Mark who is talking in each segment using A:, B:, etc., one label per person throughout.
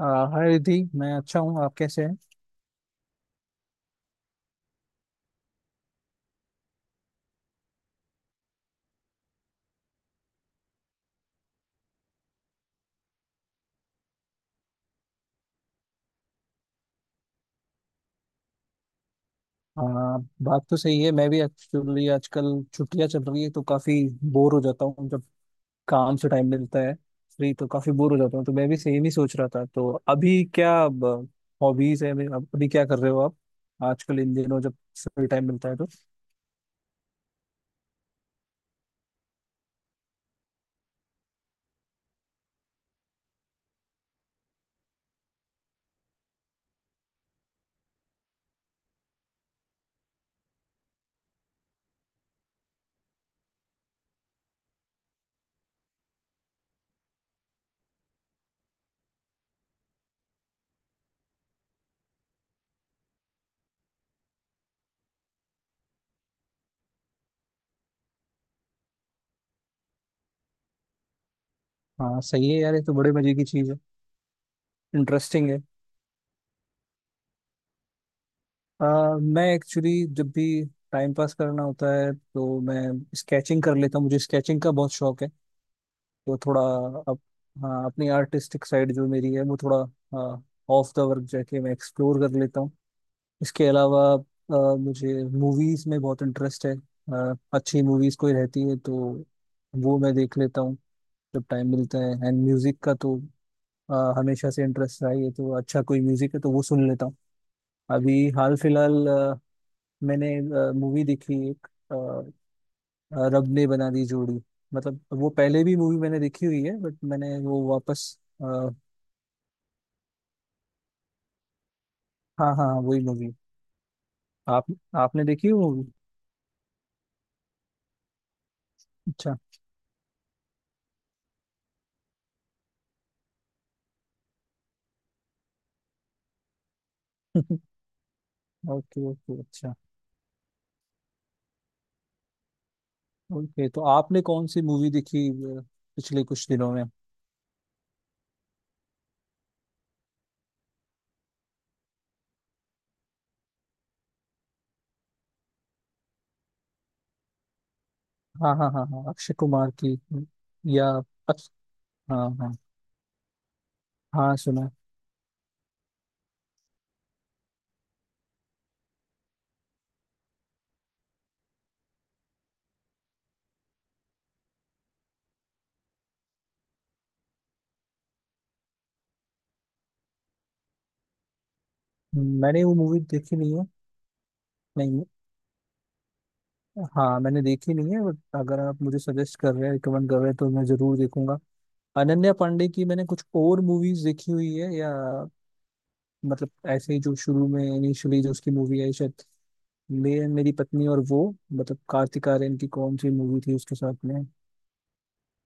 A: आ, hi Ridhi. मैं अच्छा हूँ। आप कैसे हैं? आ, बात तो सही है। मैं भी एक्चुअली आजकल छुट्टियाँ चल रही है तो काफी बोर हो जाता हूँ जब काम से टाइम मिलता है। फ्री तो काफी बोर हो जाता हूँ तो मैं भी सेम ही सोच रहा था। तो अभी क्या हॉबीज है मेरे- अब अभी क्या कर रहे हो आप? आजकल इन दिनों जब फ्री टाइम मिलता है तो। हाँ सही है यार, ये तो बड़े मजे की चीज़ है। इंटरेस्टिंग है। मैं एक्चुअली जब भी टाइम पास करना होता है तो मैं स्केचिंग कर लेता हूँ। मुझे स्केचिंग का बहुत शौक है। तो थोड़ा अप, हाँ, अपनी आर्टिस्टिक साइड जो मेरी है वो थोड़ा, हाँ, ऑफ द वर्क जाके मैं एक्सप्लोर कर लेता हूँ। इसके अलावा मुझे मूवीज में बहुत इंटरेस्ट है। अच्छी मूवीज कोई रहती है तो वो मैं देख लेता हूँ जब टाइम मिलता है। एंड म्यूजिक का तो हमेशा से इंटरेस्ट रहा ही है, तो अच्छा कोई म्यूजिक है तो वो सुन लेता हूँ। अभी हाल फिलहाल मैंने मूवी देखी एक, रब ने बना दी जोड़ी। मतलब वो पहले भी मूवी मैंने देखी हुई है बट मैंने वो वापस हाँ। हाँ हाँ, वही मूवी। आप आपने देखी वो मूवी? अच्छा। ओके ओके, अच्छा। ओके तो आपने कौन सी मूवी देखी अ, पिछले कुछ दिनों में? हाँ हाँ हाँ हाँ, अक्षय कुमार की। या अक्ष- हाँ हाँ। हाँ सुना है। मैंने वो मूवी देखी नहीं है। नहीं, हाँ मैंने देखी नहीं है बट अगर आप मुझे सजेस्ट कर रहे हैं, रिकमेंड कर रहे हैं तो मैं जरूर देखूंगा। अनन्या पांडे की मैंने कुछ और मूवीज देखी हुई है, या मतलब ऐसे ही जो शुरू में इनिशियली जो उसकी मूवी आई शायद मैं, मेरी पत्नी और वो, मतलब कार्तिक आर्यन की कौन सी मूवी थी उसके साथ में?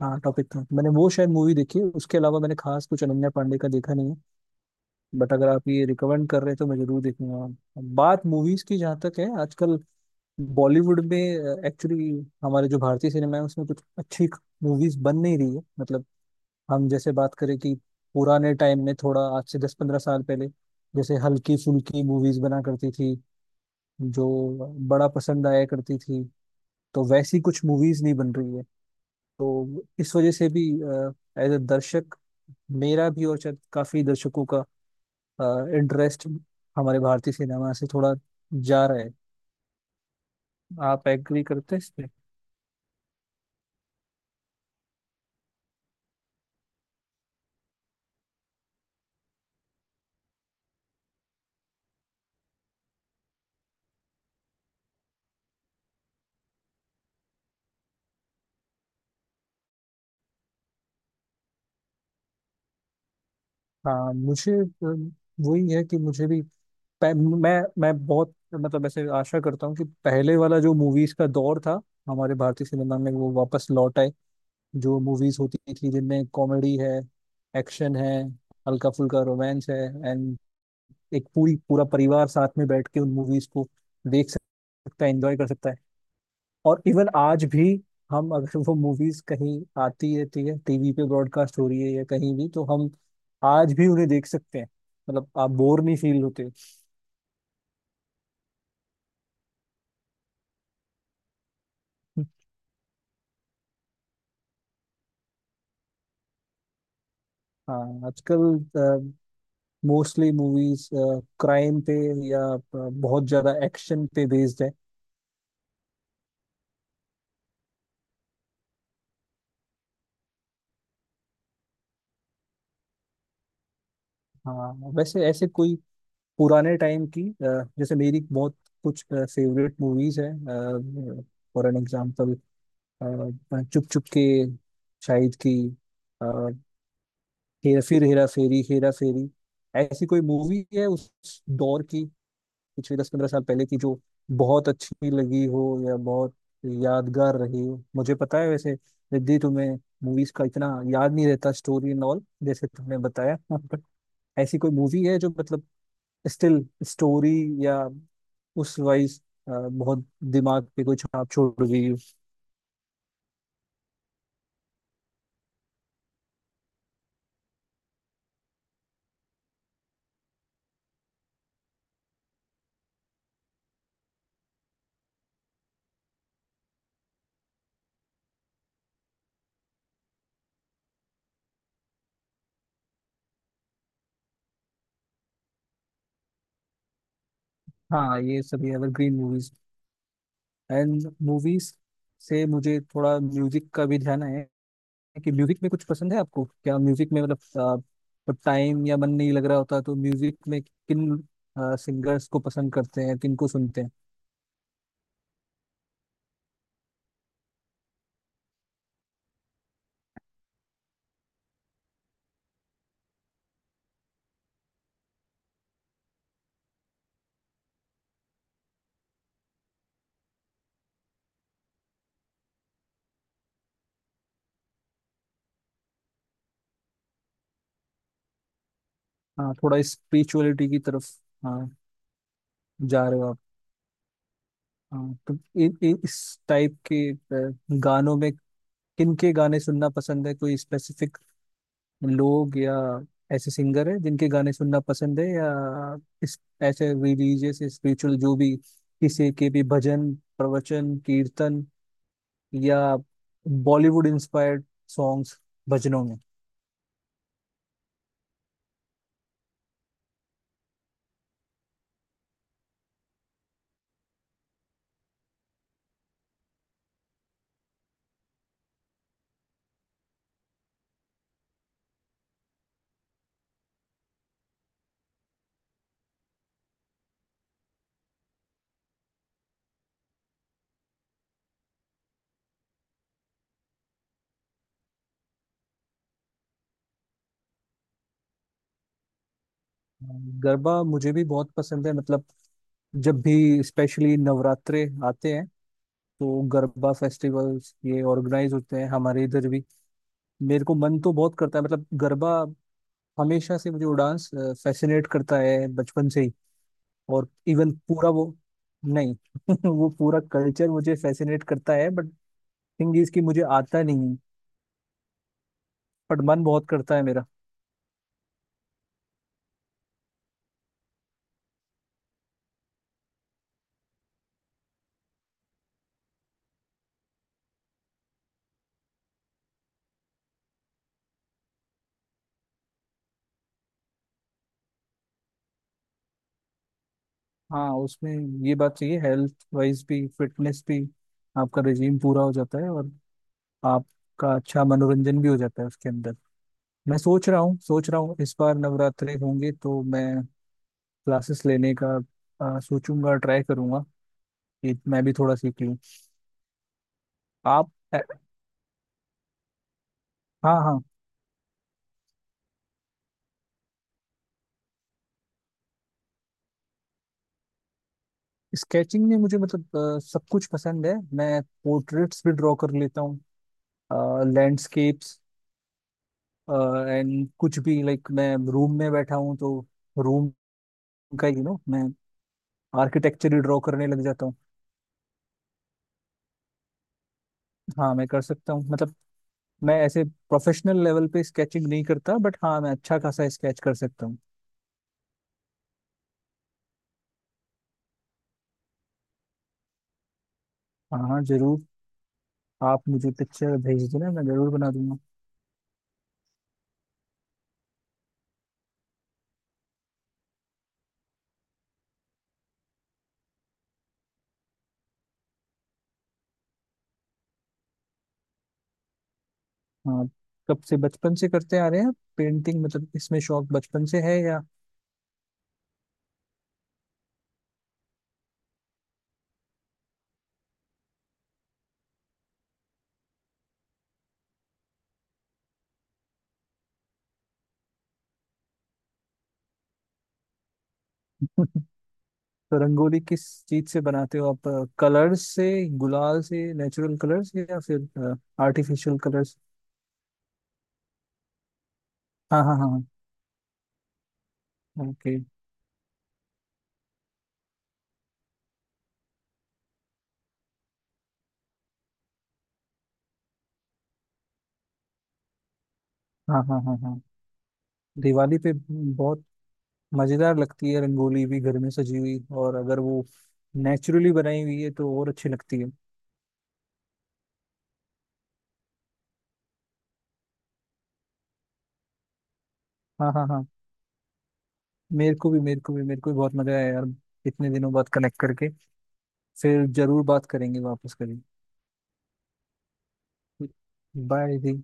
A: हाँ टॉपिक था, मैंने वो शायद मूवी देखी है। उसके अलावा मैंने खास कुछ अनन्या पांडे का देखा नहीं है। बट अगर आप ये रिकमेंड कर रहे हैं तो मैं जरूर देखूंगा। बात मूवीज की जहाँ तक है, आजकल बॉलीवुड में एक्चुअली हमारे जो भारतीय सिनेमा है उसमें कुछ अच्छी मूवीज बन नहीं रही है। मतलब हम जैसे बात करें कि पुराने टाइम में, थोड़ा आज से 10-15 साल पहले, जैसे हल्की फुल्की मूवीज बना करती थी जो बड़ा पसंद आया करती थी, तो वैसी कुछ मूवीज नहीं बन रही है। तो इस वजह से भी एज अ दर्शक मेरा भी और शायद काफी दर्शकों का इंटरेस्ट हमारे भारतीय सिनेमा से थोड़ा जा रहा है। आप एग्री करते हैं इस? हाँ, मुझे वही है कि मुझे भी पह- मैं मैं बहुत मतलब ऐसे आशा करता हूँ कि पहले वाला जो मूवीज का दौर था हमारे भारतीय सिनेमा में वो वापस लौट आए। जो मूवीज होती थी जिनमें कॉमेडी है, एक्शन है, हल्का फुल्का रोमांस है, एंड एक पूरी पूरा परिवार साथ में बैठ के उन मूवीज को देख सकता है, एंजॉय कर सकता है। और इवन आज भी हम अगर वो मूवीज कहीं आती रहती है, टीवी पे ब्रॉडकास्ट हो रही है या कहीं भी, तो हम आज भी उन्हें देख सकते हैं। मतलब आप बोर नहीं फील होते। हाँ आजकल मोस्टली मूवीज क्राइम पे या बहुत ज्यादा एक्शन पे बेस्ड है। हाँ वैसे ऐसे कोई पुराने टाइम की, जैसे मेरी बहुत कुछ फेवरेट मूवीज है, for an example Chup Chup के, शाहिद की, हेरा फेरी, हेरा फेरी, ऐसी कोई मूवी है उस दौर की, पिछले 10-15 साल पहले की, जो बहुत अच्छी लगी हो या बहुत यादगार रही हो? मुझे पता है वैसे रिद्धि तुम्हें मूवीज का इतना याद नहीं रहता, स्टोरी एंड ऑल, जैसे तुमने बताया, बट ऐसी कोई मूवी है जो मतलब स्टिल स्टोरी या उस वाइज बहुत दिमाग पे कोई छाप छोड़ गई हो? हाँ ये सभी एवरग्रीन मूवीज। एंड मूवीज से मुझे थोड़ा म्यूजिक का भी ध्यान है कि म्यूजिक में कुछ पसंद है आपको? क्या म्यूजिक में मतलब टाइम या मन नहीं लग रहा होता तो म्यूजिक में किन सिंगर्स को पसंद करते हैं, किन को सुनते हैं? हाँ थोड़ा स्पिरिचुअलिटी की तरफ, हाँ, जा रहे हो आप। हाँ तो इ, इ, इस टाइप के गानों में किन के गाने सुनना पसंद है? कोई स्पेसिफिक लोग या ऐसे सिंगर है जिनके गाने सुनना पसंद है, या इस ऐसे रिलीजियस स्पिरिचुअल जो भी किसी के भी भजन, प्रवचन, कीर्तन या बॉलीवुड इंस्पायर्ड सॉन्ग्स भजनों में? गरबा मुझे भी बहुत पसंद है। मतलब जब भी स्पेशली नवरात्रे आते हैं तो गरबा फेस्टिवल्स ये ऑर्गेनाइज होते हैं हमारे इधर भी। मेरे को मन तो बहुत करता है मतलब गरबा। हमेशा से मुझे वो डांस फैसिनेट करता है बचपन से ही। और इवन पूरा वो, नहीं, वो पूरा कल्चर मुझे फैसिनेट करता है। बट थिंग इज कि मुझे आता नहीं। बट मन बहुत करता है मेरा। हाँ उसमें ये बात चाहिए, हेल्थ वाइज भी, फिटनेस भी, आपका रिजीम पूरा हो जाता है और आपका अच्छा मनोरंजन भी हो जाता है उसके अंदर। मैं सोच रहा हूँ इस बार नवरात्रे होंगे तो मैं क्लासेस लेने का सोचूंगा, ट्राई करूंगा कि मैं भी थोड़ा सीख लूँ। आप हाँ हाँ। स्केचिंग में मुझे मतलब सब कुछ पसंद है। मैं पोर्ट्रेट्स भी ड्रॉ कर लेता हूँ, लैंडस्केप्स एंड कुछ भी। लाइक मैं रूम में बैठा हूँ तो रूम का, मैं आर्किटेक्चर ही ड्रॉ करने लग जाता हूँ। हाँ मैं कर सकता हूँ मतलब मैं ऐसे प्रोफेशनल लेवल पे स्केचिंग नहीं करता बट हाँ मैं अच्छा खासा स्केच कर सकता हूँ। हाँ हाँ, जरूर। आप मुझे पिक्चर भेज देना, मैं जरूर बना दूंगा। हाँ कब से, बचपन से करते आ रहे हैं पेंटिंग? मतलब इसमें शौक बचपन से है या? तो रंगोली किस चीज से बनाते हो आप? कलर्स से, गुलाल से, नेचुरल कलर्स या फिर आर्टिफिशियल कलर्स? हाँ हाँ हाँ। ओके हाँ, okay, हाँ हाँ हाँ हाँ। दिवाली पे बहुत मजेदार लगती है रंगोली भी, घर में सजी हुई, और अगर वो नेचुरली बनाई हुई है तो और अच्छी लगती है। हाँ हाँ हाँ। मेरे को भी मेरे को भी मेरे को भी बहुत मजा आया यार इतने दिनों बाद कनेक्ट करके। फिर जरूर बात करेंगे, वापस करेंगे। By the.